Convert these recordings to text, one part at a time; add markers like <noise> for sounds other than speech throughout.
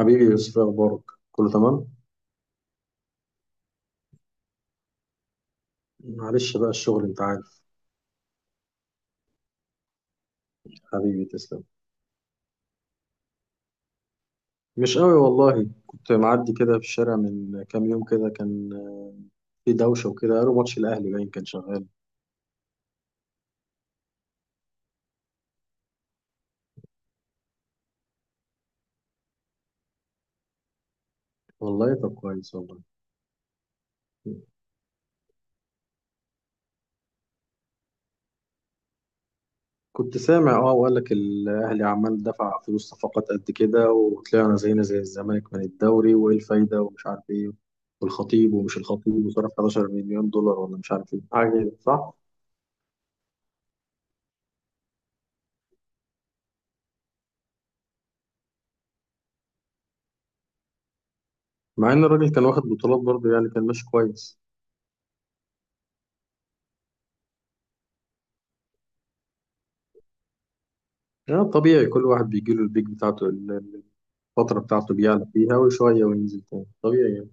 حبيبي يوسف، إيه اخبارك؟ كله تمام. معلش بقى الشغل انت عارف. حبيبي تسلم. مش قوي والله، كنت معدي كده في الشارع من كام يوم كده كان في دوشه وكده، قالوا ماتش الاهلي باين كان شغال. والله طب كويس والله. كنت سامع اه، وقال لك الاهلي عمال دفع فلوس صفقات قد كده وطلعنا زينا زي الزمالك من الدوري وايه الفايده ومش عارف ايه، والخطيب ومش الخطيب وصرف 11 مليون دولار ولا مش عارف ايه حاجه كده، صح؟ مع ان الراجل كان واخد بطولات برضه يعني كان ماشي كويس. يعني طبيعي، كل واحد بيجي له البيك بتاعته، الفترة بتاعته بيعلى فيها وشوية وينزل تاني، طبيعي يعني.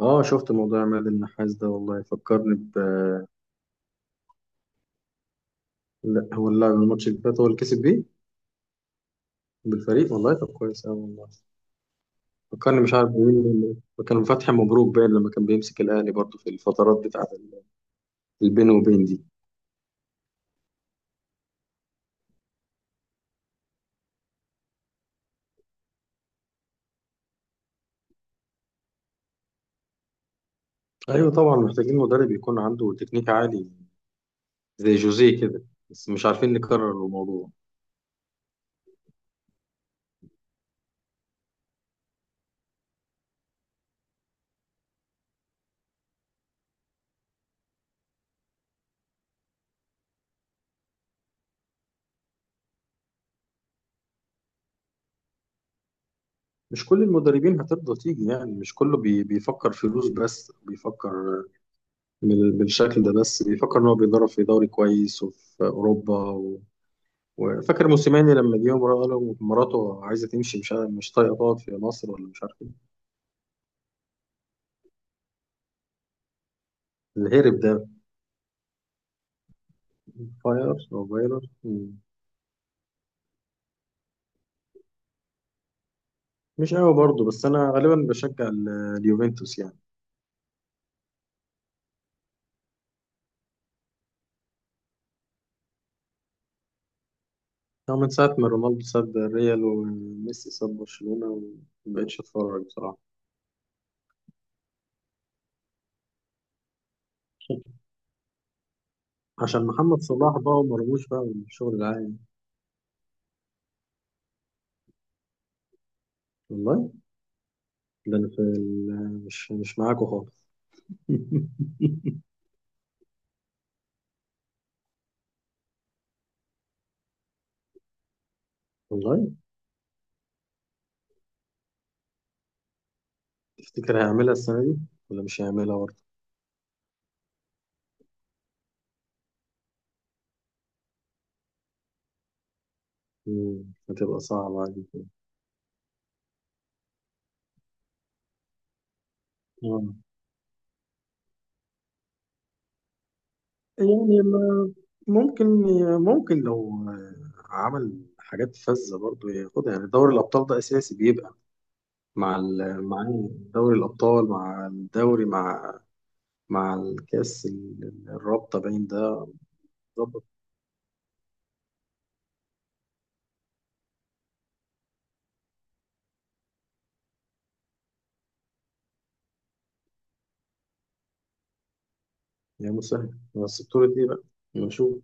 اه شفت موضوع عماد النحاس ده، والله فكرني ب... لا هو اللاعب الماتش اللي فات هو اللي كسب بيه بالفريق. والله طب كويس أوي والله. فكرني مش عارف مين كان، فتحي مبروك باين، لما كان بيمسك الأهلي برضه في الفترات بتاعة البين وبين دي. أيوه طبعا، محتاجين مدرب يكون عنده تكنيك عالي زي جوزيه كده، بس مش عارفين نكرر الموضوع. مش كل المدربين هترضى تيجي، يعني مش كله بيفكر فلوس، بس بيفكر بالشكل ده، بس بيفكر ان هو بيدرب في دوري كويس وفي اوروبا و... وفاكر موسيماني لما جه قال له مراته عايزه تمشي، مش طايقه تقعد في مصر ولا مش عارف ايه، الهرب ده. فاير او فايرر. مش قوي برضه، بس انا غالبا بشجع اليوفنتوس يعني. أنا من ساعه ما رونالدو ساب الريال وميسي ساب برشلونه ومبقتش اتفرج بصراحه. <laughs> عشان محمد صلاح بقى ومرموش بقى والشغل ده. والله ده انا في مش معاكوا خالص. <laughs> والله تفتكر هيعملها السنه دي ولا مش هيعملها برضه؟ مم، هتبقى صعبه عليك. آه. يعني ما- ممكن، ممكن لو عمل حاجات فذة برضه ياخدها، يعني دوري الأبطال ده أساسي بيبقى، مع دوري الأبطال، مع الدوري، مع الكأس الرابطة باين ده. ظبط. يا مسهل، بس بطولة إيه بقى؟ نشوف.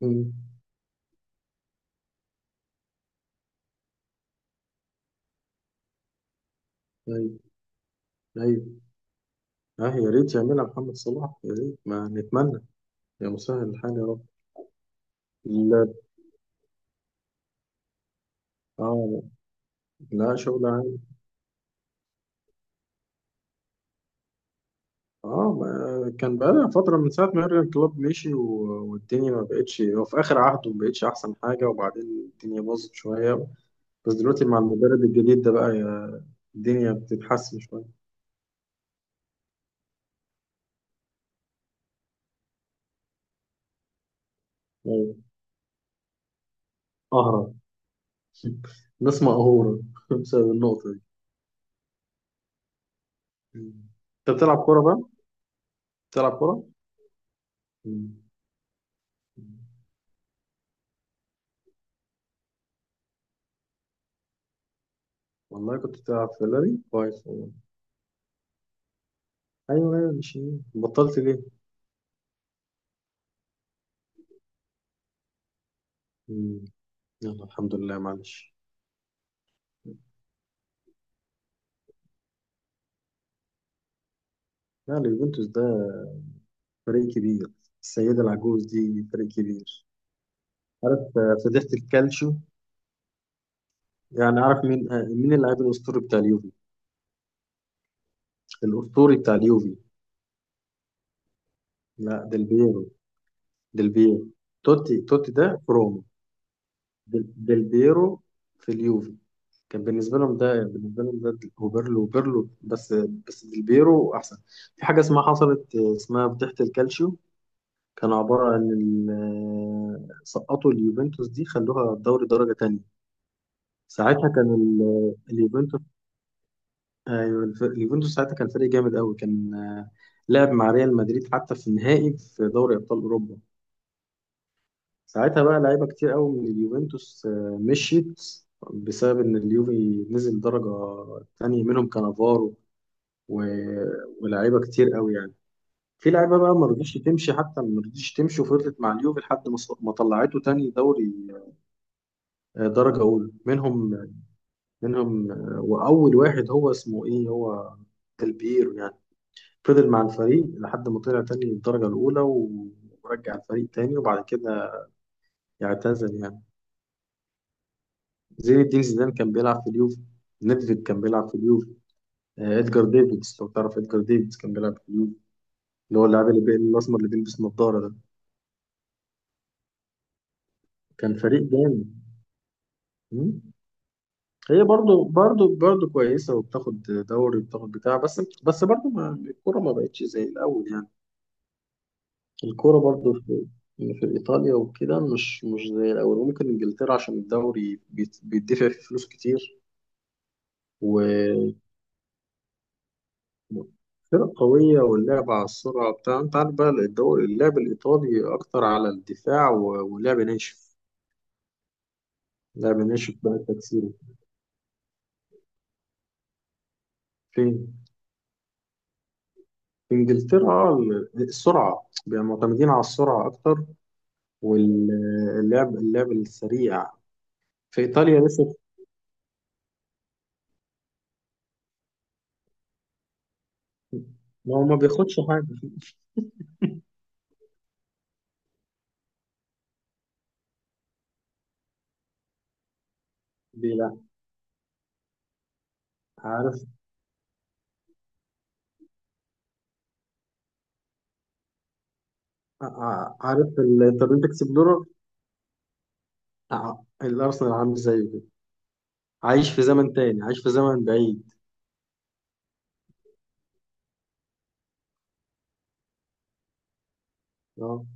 مم. أيوه أيوه. اه يا ريت يعملها محمد صلاح، يا ريت، ما نتمنى. يا مسهل الحال يا رب. لا. اه. لا شغل عام. اه ما كان بقى فترة من ساعة ما يورجن كلوب مشي والدنيا ما بقتش، هو في آخر عهده ما بقتش أحسن حاجة، وبعدين الدنيا باظت شوية، بس دلوقتي مع المدرب الجديد ده بقى الدنيا بتتحسن شوية. أيوة. أهرب. <laughs> ناس مقهورة <laughs> بسبب النقطة دي. مم. أنت بتلعب كورة بقى؟ بتلعب كورة؟ مم. والله كنت بتلعب في اللاري كويس. ايوه ايوه. مش بطلت ليه؟ مم. يلا الحمد لله، معلش. يعني يوفنتوس ده فريق كبير، السيدة العجوز دي فريق كبير. عارف فضيحة الكالتشو؟ يعني عارف مين مين اللاعب الأسطوري بتاع اليوفي؟ الأسطوري بتاع اليوفي. لا، ديل بيرو. ديل بيرو. توتي، توتي ده في روما. ديل بيرو في اليوفي، كان بالنسبة لهم ده، بالنسبة لهم ده وبيرلو، وبيرلو بس، بس ديل بيرو أحسن. في حاجة اسمها حصلت اسمها فضيحة الكالتشو، كان عبارة عن سقطوا اليوفنتوس دي، خلوها الدوري درجة تانية. ساعتها كان اليوفنتوس، أيوة، اليوفنتوس ساعتها كان فريق جامد قوي، كان لعب مع ريال مدريد حتى في النهائي في دوري أبطال أوروبا. ساعتها بقى لعيبة كتير قوي من اليوفنتوس مشيت بسبب إن اليوفي نزل درجة تانية، منهم كانافارو و- ولاعيبة كتير قوي يعني. في لعيبة بقى ما رضيتش تمشي، حتى ما رضيتش تمشي وفضلت مع اليوفي لحد ما ما طلعته تاني دوري درجة أولى، منهم، منهم وأول واحد هو اسمه إيه، هو دلبير يعني، فضل مع الفريق لحد ما طلع تاني الدرجة الأولى ورجع الفريق تاني، وبعد كده اعتزل يعني. زين الدين زيدان كان بيلعب في اليوفي، ندفيد كان بيلعب في اليوفي، إدجار ديفيدز، لو تعرف إدجار ديفيدز كان بيلعب في اليوفي، اللي هو اللاعب اللي الأسمر اللي بيلبس نظارة ده. كان فريق جامد. مم. هي برضو كويسة، وبتاخد دوري وبتاخد بتاع، بس بس برضو ما الكورة ما بقتش زي الأول يعني. الكورة برضو في، في إيطاليا وكده مش زي الأول، وممكن إنجلترا عشان الدوري بيدفع فيه فلوس كتير، وفرق قوية، واللعب على السرعة بتاع، أنت عارف بقى الدوري اللعب الإيطالي أكتر على الدفاع ولعب ناشف. لعب ناشف بقى، تكسيره فين؟ في إنجلترا السرعة، بيبقوا معتمدين على السرعة أكتر، واللعب، اللعب السريع. في إيطاليا لسه. ما هو ما بياخدش حاجة، بيلعب. عارف، عارف الانترنت اكسبلورر بتاع الارسنال عامل زيه كده، عايش في زمن تاني، عايش في زمن بعيد. اه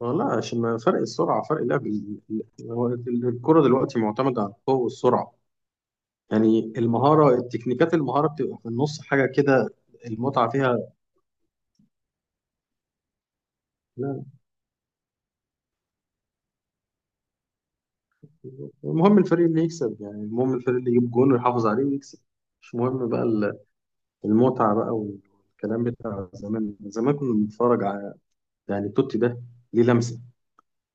والله، عشان ما فرق السرعه، فرق اللعب هو الكره دلوقتي معتمده على القوه والسرعه، يعني المهاره، التكنيكات، المهاره بتبقى في النص حاجه كده، المتعه فيها. لا، المهم الفريق اللي يكسب، يعني المهم الفريق اللي يجيب جون ويحافظ عليه ويكسب، مش مهم بقى المتعه بقى والكلام بتاع زمان. زمان كنا بنتفرج على، يعني توتي ده، ليه لمسه،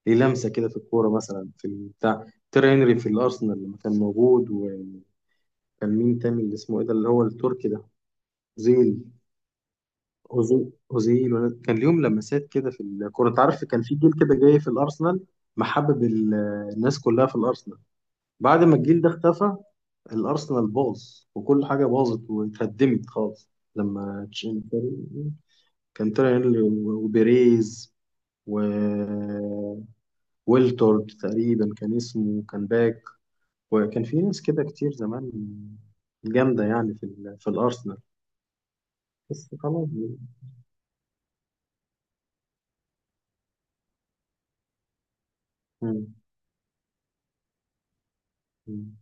ليه لمسه كده في الكوره، مثلا في البتاع، تيري هنري في الارسنال لما كان موجود، وكان مين تاني اللي اسمه ايه ده، اللي هو التركي ده، اوزيل، أوزو- اوزيل كان ليهم لمسات كده في الكوره، انت عارف كان في جيل كده جاي في الارسنال محبب الناس كلها في الارسنال. بعد ما الجيل ده اختفى، الارسنال باظ، وكل حاجه باظت واتهدمت خالص. لما تشين- كان تيري هنري وبيريز و ويلتورد تقريبا كان اسمه، كان باك، وكان في ناس كده كتير زمان جامدة يعني في في الأرسنال، بس خلاص. مم. مم.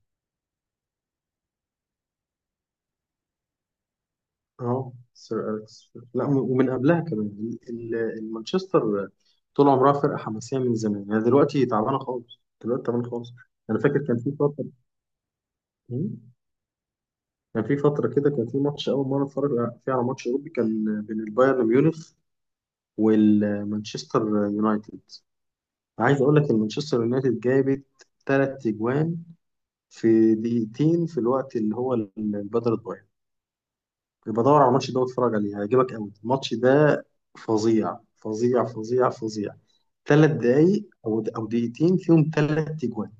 اه سير أليكس، لا م- ومن قبلها كمان مانشستر، طول عمرها فرقة حماسية من زمان، يعني دلوقتي تعبانة خالص، دلوقتي تعبانة خالص. أنا فاكر كان في فترة. مم. كان في فترة كده، كان في ماتش أول مرة أتفرج فيه على ماتش أوروبي، كان بين البايرن ميونخ والمانشستر يونايتد. عايز أقول لك المانشستر يونايتد جابت ثلاث أجوان في دقيقتين، في الوقت اللي هو البدل الضايع. يبقى دور على الماتش ده واتفرج عليه، هيعجبك قوي الماتش ده، فظيع فظيع فظيع فظيع. ثلاث دقايق او دقيقتين فيهم ثلاث اجوان،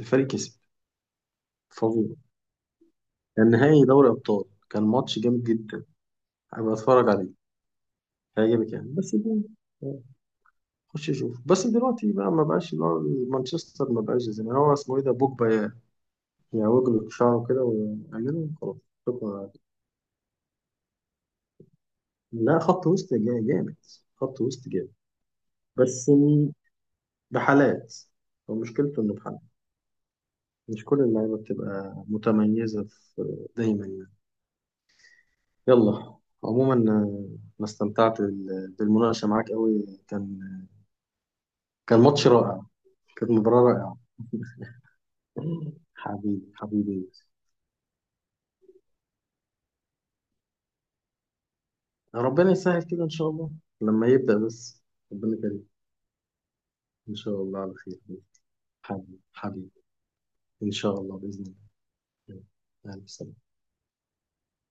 الفريق كسب، فظيع. كان نهائي دوري ابطال، كان ماتش جامد جدا. هبقى اتفرج عليه، هيعجبك يعني، بس ده. خش شوف، بس دلوقتي بقى ما بقاش اللي هو مانشستر، ما بقاش زي ما، هو اسمه ايه ده، بوجبا، يعوج له شعره كده ويعمله وخلاص. شكرا. لا، خط وسط جامد، خط وسط جامد، بس م- بحالات، هو مشكلته انه بحالات، مش كل اللعيبه بتبقى متميزه في دايما يعني. يلا، عموما انا استمتعت بالمناقشه معاك قوي، كان، كان ماتش رائع، كانت مباراه رائعه. <laughs> حبيبي حبيبي يوسف. ربنا يسهل كده ان شاء الله، لما يبدا بس، ربنا كريم. ان شاء الله على خير. حبيبي حبيبي. ان شاء الله باذن الله. يلا، سلام.